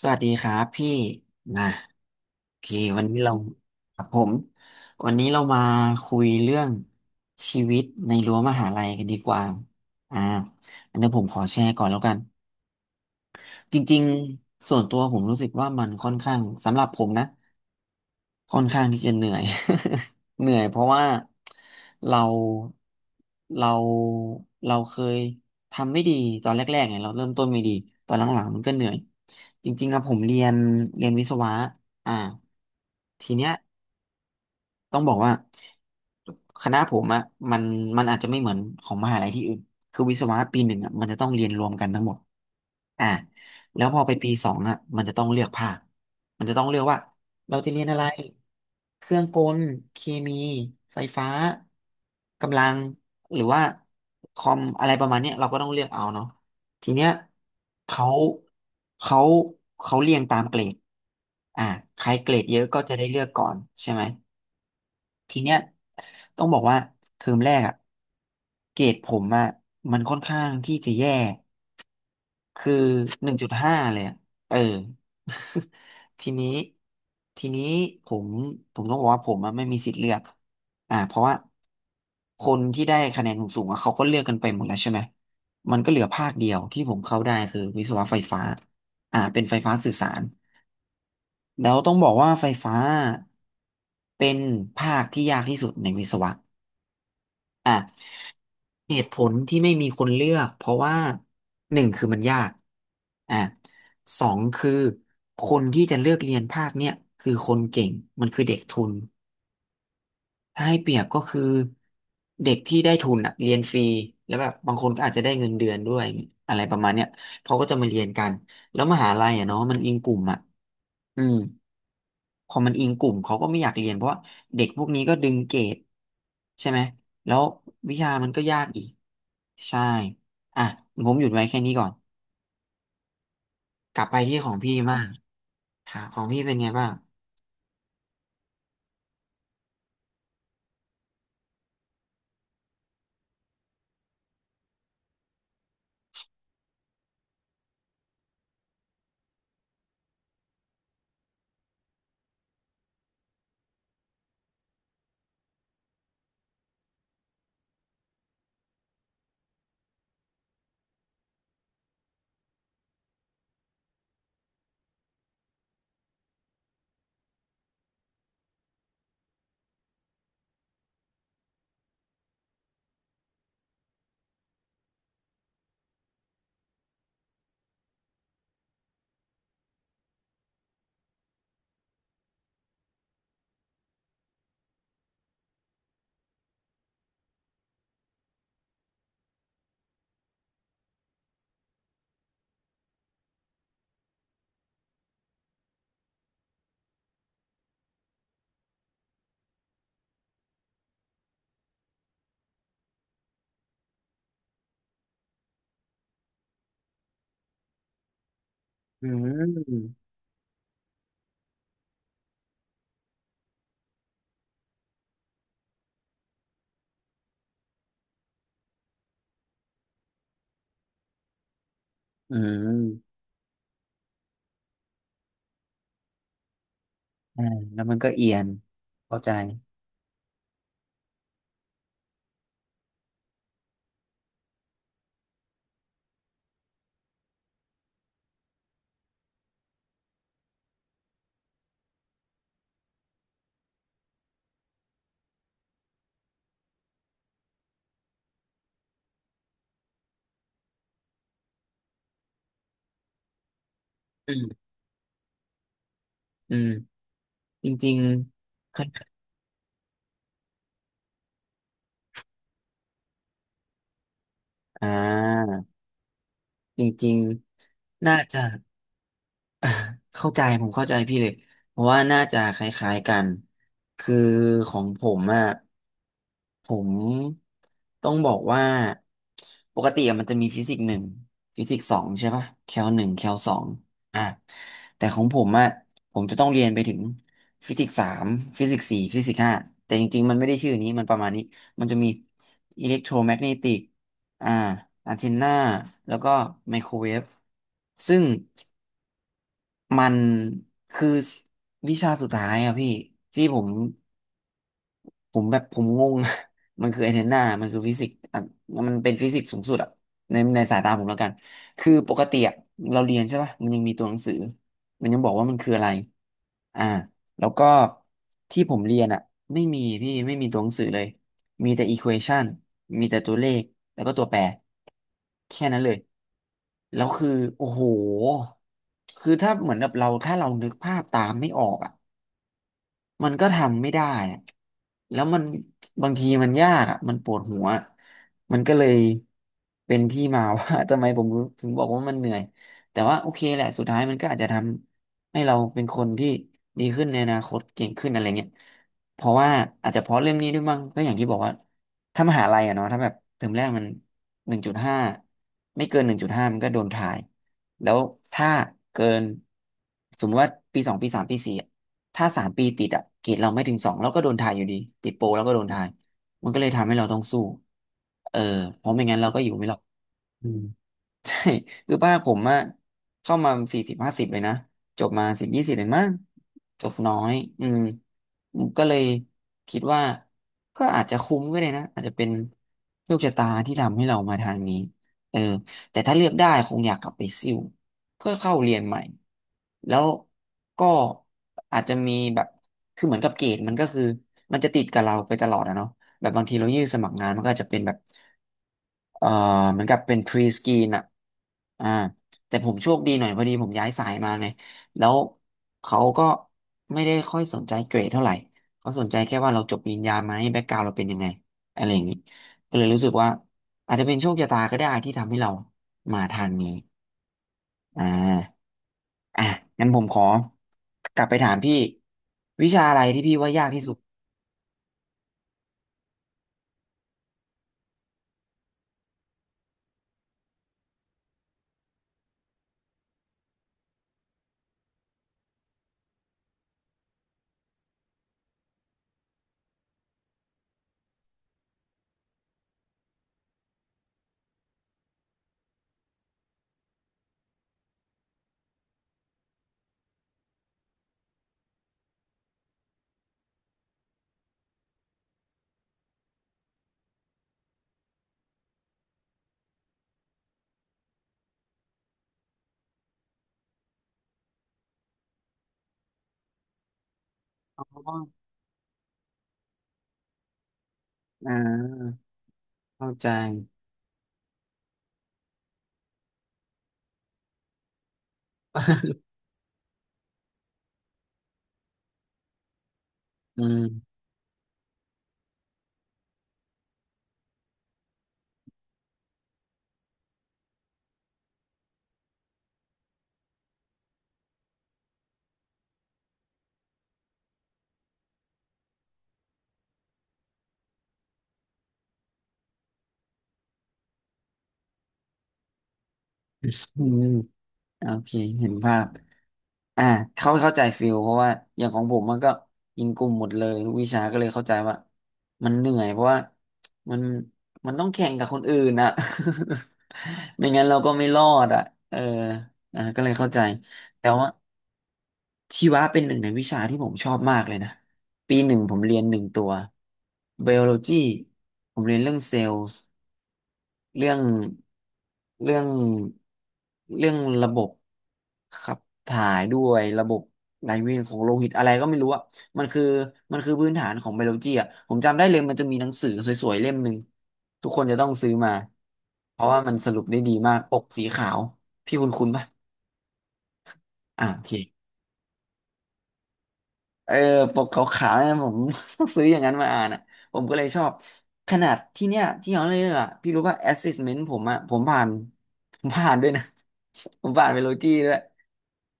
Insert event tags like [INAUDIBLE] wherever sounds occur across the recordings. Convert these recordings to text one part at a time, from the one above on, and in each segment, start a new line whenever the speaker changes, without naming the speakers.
สวัสดีครับพี่มาโอเควันนี้เราครับผมวันนี้เรามาคุยเรื่องชีวิตในรั้วมหาลัยกันดีกว่าอ่าอันนี้ผมขอแชร์ก่อนแล้วกัน จริงๆส่วนตัวผมรู้สึกว่ามันค่อนข้างสำหรับผมนะค่อนข้างที่จะเหนื่อย [LAUGHS] เหนื่อยเพราะว่าเราเราเราเคยทำไม่ดีตอนแรกๆไงเราเริ่มต้นไม่ดีตอนหลังๆมันก็เหนื่อยจริงๆอะผมเรียนวิศวะอ่าทีเนี้ย ต้องบอกว่าคณะผมอะมันมันอาจจะไม่เหมือนของมหาลัยที่อื่นคือวิศวะปีหนึ่งอะมันจะต้องเรียนรวมกันทั้งหมดอ่าแล้วพอไปปีสองอะมันจะต้องเลือกภาคมันจะต้องเลือกว่าเราจะเรียนอะไร เครื่องกล เคมีไฟฟ้า กำลังหรือว่าคอมอะไรประมาณเนี้ยเราก็ต้องเลือกเอาเนาะทีเนี้ยเขาเขาเขาเรียงตามเกรดอ่าใครเกรดเยอะก็จะได้เลือกก่อนใช่ไหม ทีเนี้ยต้องบอกว่าเทอมแรกอะเกรดผมอะมันค่อนข้างที่จะแย่คือหนึ่งจุดห้าเลยอะเออ [LAUGHS] ทีนี้ทีนี้ผมผมต้องบอกว่าผมอะไม่มีสิทธิ์เลือกเพราะว่าคนที่ได้คะแนนสูงๆอะเขาก็เลือกกันไปหมดแล้วใช่ไหมมันก็เหลือภาคเดียวที่ผมเข้าได้คือวิศวะไฟฟ้าเป็นไฟฟ้าสื่อสารแล้วต้องบอกว่าไฟฟ้าเป็นภาคที่ยากที่สุดในวิศวะ อ่ะเหตุผลที่ไม่มีคนเลือกเพราะว่าหนึ่งคือมันยากอ่ะสองคือคนที่จะเลือกเรียนภาคเนี่ยคือคนเก่งมันคือเด็กทุนถ้าให้เปรียบก็คือเด็กที่ได้ทุนอ่ะเรียนฟรีแล้วแบบบางคนก็อาจจะได้เงินเดือนด้วยอะไรประมาณเนี้ยเขาก็จะมาเรียนกันแล้วมหาลัยอะเนาะมันอิงกลุ่มอ่ะอืม พอมันอิงกลุ่มเขาก็ไม่อยากเรียนเพราะว่าเด็กพวกนี้ก็ดึงเกรดใช่ไหมแล้ววิชามันก็ยากอีกใช่อ่ะผมหยุดไว้แค่นี้ก่อนกลับไปที่ของพี่บ้างครับของพี่เป็นไงบ้างอืมอืมอ่าแล้วมันก็เอียนเข้าใจอืมอืมจริงๆค่อ่าจริงๆน่าจะ [LAUGHS] อ่ะเข้าใจผมเข้าใจพี่เลยเพราะว่าน่าจะคล้ายๆกันคือของผมอ่ะผมต้องบอกว่าปกติอะมันจะมีฟิสิกส์หนึ่งฟิสิกส์สองใช่ปะแคลหนึ่งแคลสองอ่ะแต่ของผมอ่ะผมจะต้องเรียนไปถึงฟิสิกส์สามฟิสิกส์สี่ฟิสิกส์ห้าแต่จริงๆมันไม่ได้ชื่อนี้มันประมาณนี้มันจะมีอิเล็กโทรแมกเนติกอ่าอันเทนนาแล้วก็ไมโครเวฟซึ่ง มันคือวิชาสุดท้ายอะพี่ที่ผม ผมแบบผมงง [LAUGHS] มันคือไอนเทนนามันคือฟิสิกส์อ่ะมันเป็นฟิสิกส์สูงสุดอ่ะในสายตาผมแล้วกัน คือปกติอ่ะเราเรียนใช่ป่ะมันยังมีตัวหนังสือมันยังบอกว่ามันคืออะไรอ่าแล้วก็ที่ผมเรียนอ่ะไม่มีพี่ไม่มีตัวหนังสือเลย มีแต่ equation มีแต่ตัวเลข แล้วก็ตัวแปร แค่นั้นเลย แล้วคือโอ้โห คือถ้าเหมือนแบบเราถ้าเรานึกภาพตามไม่ออกอ่ะ มันก็ทำไม่ได้อะแล้วมันบางทีมันยากอะมันปวดหัว มันก็เลยเป็นที่มาว่า [LAUGHS] ทำไมผมถึงบอกว่ามันเหนื่อยแต่ว่าโอเคแหละสุดท้ายมันก็อาจจะทำให้เราเป็นคนที่ดีขึ้นในอนาคต เก่งขึ้นอะไรเงี้ยเพราะว่าอาจจะเพราะเรื่องนี้ด้วยมั้งก็อย่างที่บอกว่าถ้ามหาลัยอะเนาะ ถ้าแบบเทอมแรกมันหนึ่งจุดห้าไม่เกินหนึ่งจุดห้ามันก็โดนทายแล้วถ้าเกินสมมติว่าปีสองปีสามปีสี่ ถ้าสามปีติดอะเกรดเราไม่ถึงสองเราก็โดนทายอยู่ดีติดโปรเราก็โดนทายมันก็เลยทำให้เราต้องสู้เออเพราะไม่งั้นเราก็อยู่ไม่รอดอืม ใช่ [LAUGHS] คือป้าผมอะเข้ามา4050เลยนะจบมาสิบ20เลยมั้งจบน้อยอืมก็เลยคิดว่าก็อาจจะคุ้มก็ได้นะอาจจะเป็นโชคชะตาที่ทำให้เรามาทางนี้เออแต่ถ้าเลือกได้คงอยากกลับไปซิ่วก็เข้าเรียนใหม่แล้วก็อาจจะมีแบบคือเหมือนกับเกรดมันก็คือมันจะติดกับเราไปตลอดอะเนาะแบบบางทีเรายื่นสมัครงานมันก็อาจจะเป็นแบบ เอ่อเหมือนกับเป็น pre screen อ่ะอ่าแต่ผมโชคดีหน่อยพอดีผมย้ายสายมาไงแล้วเขาก็ไม่ได้ค่อยสนใจเกรดเท่าไหร่เขาสนใจแค่ว่าเราจบปริญญาไหมแบ็กกราวเราเป็นยังไงอะไรอย่างนี้ก็เลยรู้สึกว่าอาจจะเป็นโชคชะตาก็ได้ที่ทำให้เรามาทางนี้อ่าอ่ะงั้นผมขอกลับไปถามพี่วิชาอะไรที่พี่ว่ายากที่สุดอ๋ออ่าเข้าใจอืมอืมโอเคเห็นภาพ อ่าเขาเข้าใจฟิลเพราะว่าอย่างของผมมันก็อิงกลุ่มหมดเลยทุกวิชาก็เลยเข้าใจว่ามันเหนื่อยเพราะว่ามันมันต้องแข่งกับคนอื่นอ่ะ [LAUGHS] ไม่งั้นเราก็ไม่รอดอ่ะเอออ่าก็เลยเข้าใจแต่ว่าชีวะเป็นหนึ่งในวิชาที่ผมชอบมากเลยนะปีหนึ่งผมเรียนหนึ่งตัวไบ i o โลจีผมเรียนเรื่องเซลล์ เรื่องเรื่องเรื่องระบบขับถ่ายด้วยระบบไหลเวียนของโลหิตอะไรก็ไม่รู้อะมันคือมันคือพื้นฐานของไบโอโลจีอะผมจำได้เลยมันจะมีหนังสือสวยๆเล่มหนึ่งทุกคนจะต้องซื้อมาเพราะว่ามันสรุปได้ดีมากปกสีขาวพี่คุณคุณปะอ่าโอเค เออปกขาวๆเนี่ยผม [LAUGHS] ซื้ออย่างนั้นมาอ่านอ่ะผมก็เลยชอบขนาดที่เนี้ยที่ย้อนเรือ่ะพี่รู้ว่า assessment ผมอ่ะผมผ่าน [LAUGHS] ผมผ่านด้วยนะ [LAUGHS] ผมผ่านไปโลจีด้วย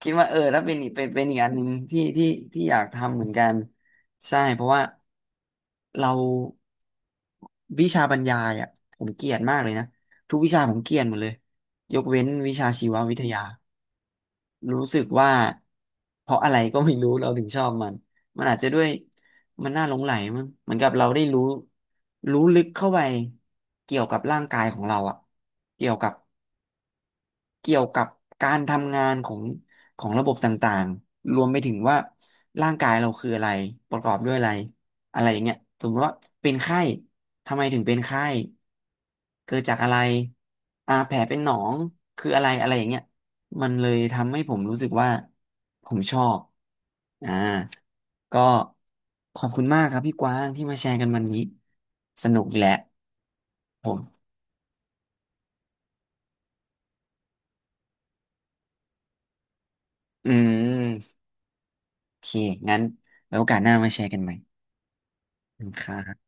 คิดว่าเออถ้าเป็นอีกเป็นอีกอันหนึ่งที่ที่อยากทำเหมือนกันใช่เพราะว่าเราวิชาบรรยายอ่ะผมเกลียดมากเลยนะทุกวิชาผมเกลียดหมดเลยยกเว้นวิชาชีววิทยา รู้สึกว่าเพราะอะไรก็ไม่รู้เราถึงชอบมัน มันอาจจะด้วยมันน่าหลงใหลมั้งเหมือนกับเราได้รู้รู้ลึกเข้าไปเกี่ยวกับร่างกายของเราอะเกี่ยวกับ เกี่ยวกับการทำงานของของระบบต่างๆ รวมไปถึงว่าร่างกายเราคืออะไรประกอบด้วยอะไรอะไรอย่างเงี้ยสมมติว่าเป็นไข้ทำไมถึงเป็นไข้เกิดจากอะไรอ่าแผลเป็นหนองคืออะไรอะไรอย่างเงี้ยมันเลยทำให้ผมรู้สึกว่าผมชอบอ่าก็ขอบคุณมากครับพี่กวางที่มาแชร์กันวันนี้ สนุกอีกแล้วผมอืมโอเคงั้นไว้โอกาสหน้ามาแชร์กันใหม่ ค่ะ